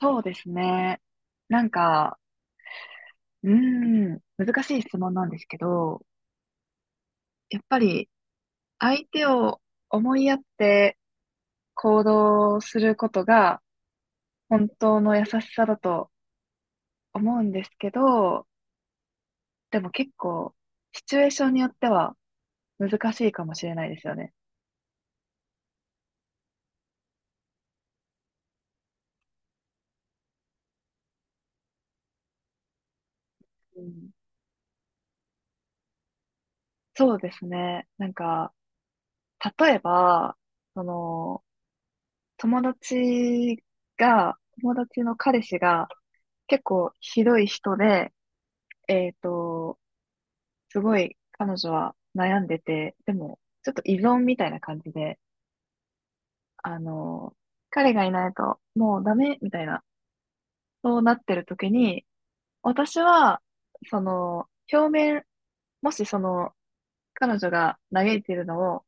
そうですね。なんか、うー難しい質問なんですけど、やっぱり相手を思いやって行動することが本当の優しさだと思うんですけど、でも結構シチュエーションによっては難しいかもしれないですよね。うん。そうですね。なんか、例えば、その、友達友達の彼氏が結構ひどい人で、えっと、すごい彼女は悩んでて、でも、ちょっと依存みたいな感じで、あの、彼がいないともうダメみたいな、そうなってる時に、私は、その、表面、もしその、彼女が嘆いてるのを、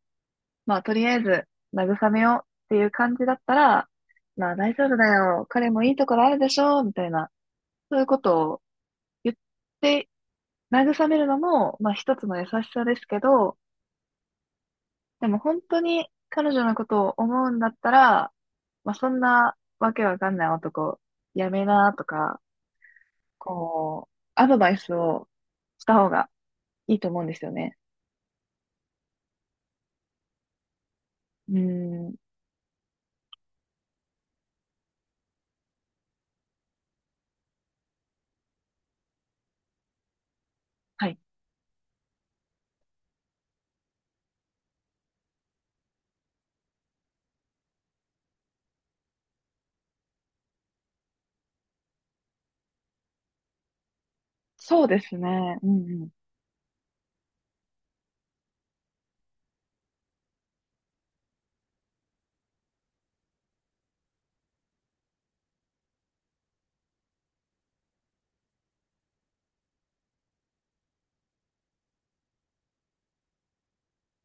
まあ、とりあえず慰めようっていう感じだったら、まあ、大丈夫だよ。彼もいいところあるでしょみたいな、そういうことを言って、慰めるのも、まあ、一つの優しさですけど、でも本当に彼女のことを思うんだったら、まあ、そんなわけわかんない男、やめなとか、こう、アドバイスをした方がいいと思うんですよね。うーん。はい。そうですね。うんうん。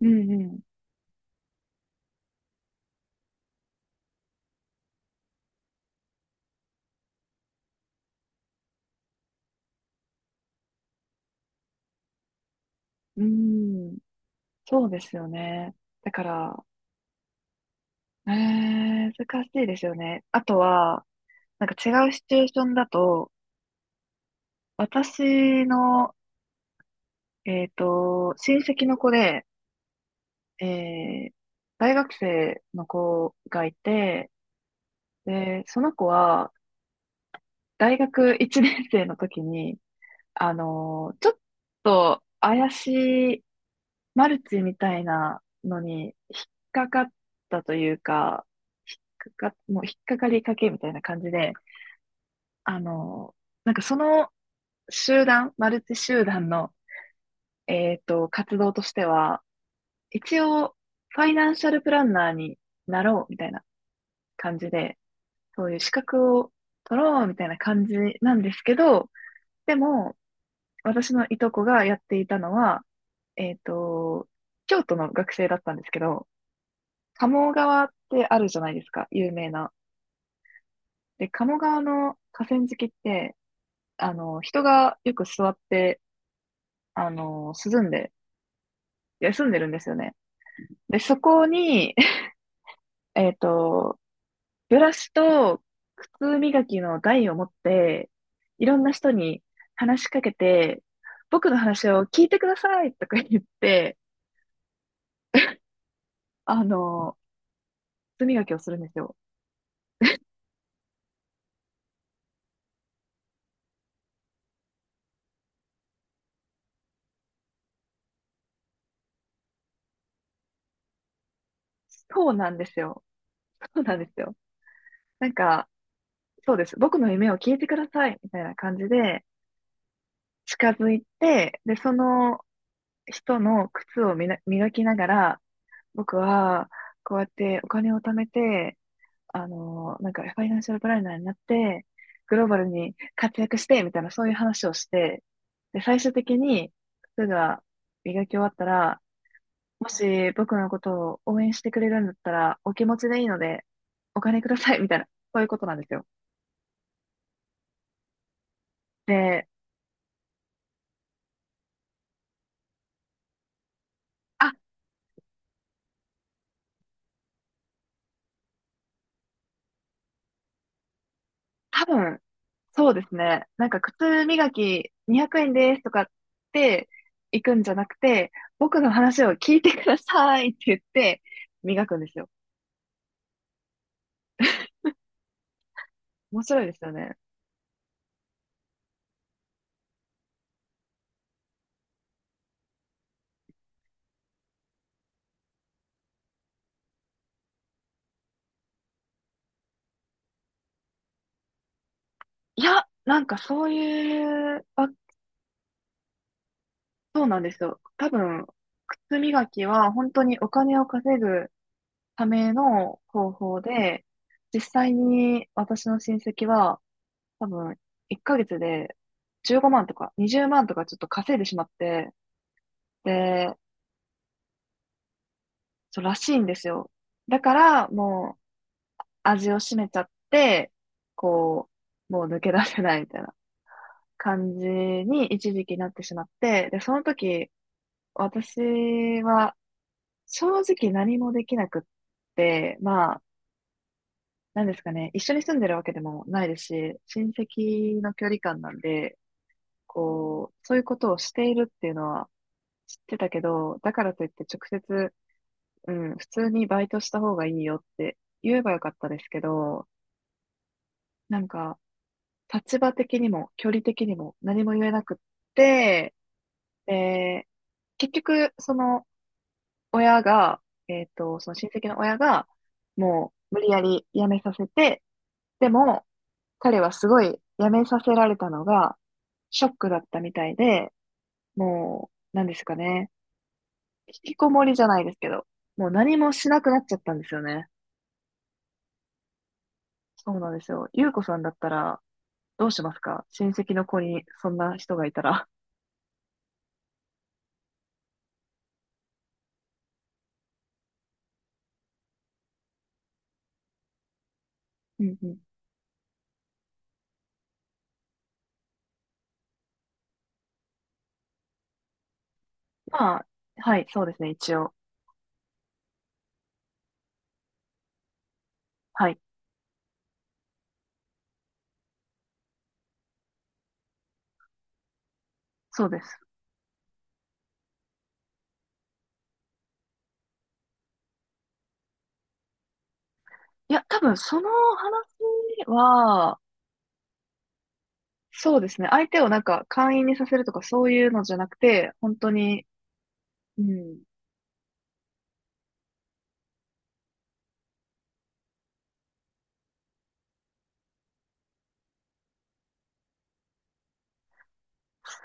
うんうん。うーん。そうですよね。だから、え難しいですよね。あとは、なんか違うシチュエーションだと、私の、親戚の子で、えー大学生の子がいて、で、その子は大学1年生の時に、ちょっと怪しいマルチみたいなのに引っかかったというか、引っかか、もう引っかかりかけみたいな感じで、あのーなんかそのマルチ集団の、活動としては、一応、ファイナンシャルプランナーになろうみたいな感じで、そういう資格を取ろうみたいな感じなんですけど、でも、私のいとこがやっていたのは、えっと、京都の学生だったんですけど、鴨川ってあるじゃないですか、有名な。で、鴨川の河川敷って、あの、人がよく座って、あの、涼んで、休んでるんですよね。で、そこに、えっと、ブラシと靴磨きの台を持って、いろんな人に話しかけて、僕の話を聞いてくださいとか言って、あの、靴磨きをするんですよ。そうなんですよ。そうなんですよ。なんか、そうです。僕の夢を聞いてくださいみたいな感じで、近づいて、で、その人の靴をみな磨きながら、僕は、こうやってお金を貯めて、あの、なんかファイナンシャルプランナーになって、グローバルに活躍して、みたいなそういう話をして、で、最終的に、靴え磨き終わったら、もし僕のことを応援してくれるんだったら、お気持ちでいいので、お金ください、みたいな、そういうことなんですよ。で、あ、多分、そうですね。なんか靴磨き200円ですとかって行くんじゃなくて、僕の話を聞いてくださいって言って磨くんですよ。面白いですよね。いや、なんかそういう、あ、そうなんですよ。多分、靴磨きは本当にお金を稼ぐための方法で、実際に私の親戚は多分1ヶ月で15万とか20万とかちょっと稼いでしまって、で、そうらしいんですよ。だからもう味を占めちゃって、こもう抜け出せないみたいな感じに一時期なってしまって、で、その時、私は正直何もできなくって、まあ、なんですかね、一緒に住んでるわけでもないですし、親戚の距離感なんで、こう、そういうことをしているっていうのは知ってたけど、だからといって直接、うん、普通にバイトした方がいいよって言えばよかったですけど、なんか、立場的にも距離的にも何も言えなくって、で、結局、その、親が、その親戚の親が、もう無理やり辞めさせて、でも、彼はすごい辞めさせられたのが、ショックだったみたいで、もう、なんですかね、引きこもりじゃないですけど、もう何もしなくなっちゃったんですよね。そうなんですよ。ゆうこさんだったら、どうしますか、親戚の子にそんな人がいたら。うんうん。まあ、はい、そうですね、一応。はい、そうです。いや、多分その話は、そうですね。相手をなんか会員にさせるとかそういうのじゃなくて、本当に、うん、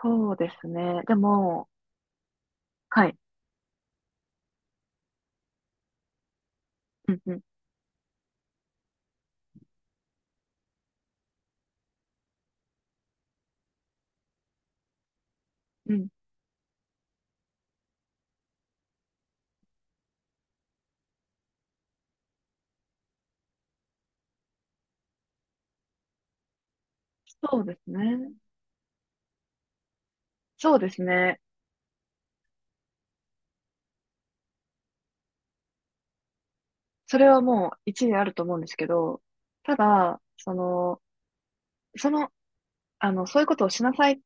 そうですね。でも、はい。うんうん、うん。そうですね。そうですね。それはもう一理あると思うんですけど、ただ、その、そういうことをしなさいっ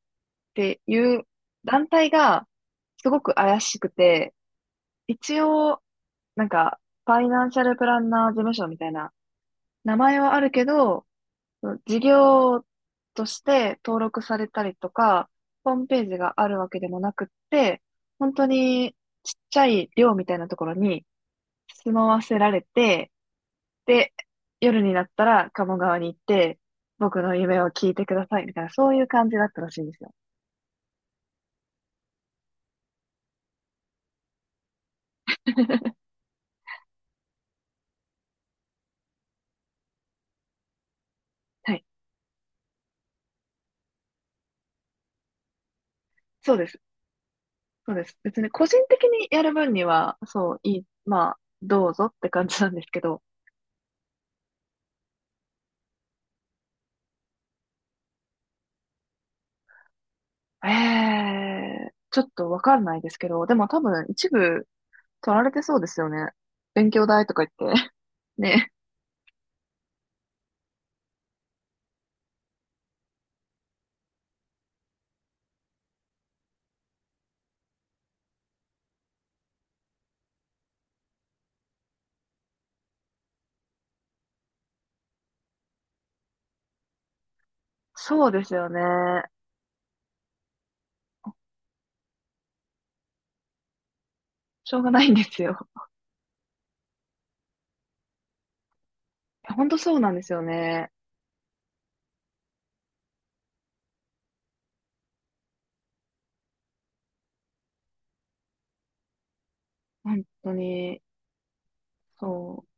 ていう団体がすごく怪しくて、一応、なんか、ファイナンシャルプランナー事務所みたいな名前はあるけど、事業として登録されたりとか、ホームページがあるわけでもなくって、本当にちっちゃい寮みたいなところに住まわせられて、で、夜になったら鴨川に行って、僕の夢を聞いてくださいみたいな、そういう感じだったらしいんですよ。はい。そうです。そうです。別に個人的にやる分には、そう、いい、まあ、どうぞって感じなんですけど、ええ、ちょっとわかんないですけど、でも多分一部取られてそうですよね。勉強代とか言って。ね。そうですよね。しょうがないんですよ。本当そうなんですよね。本当に。そう。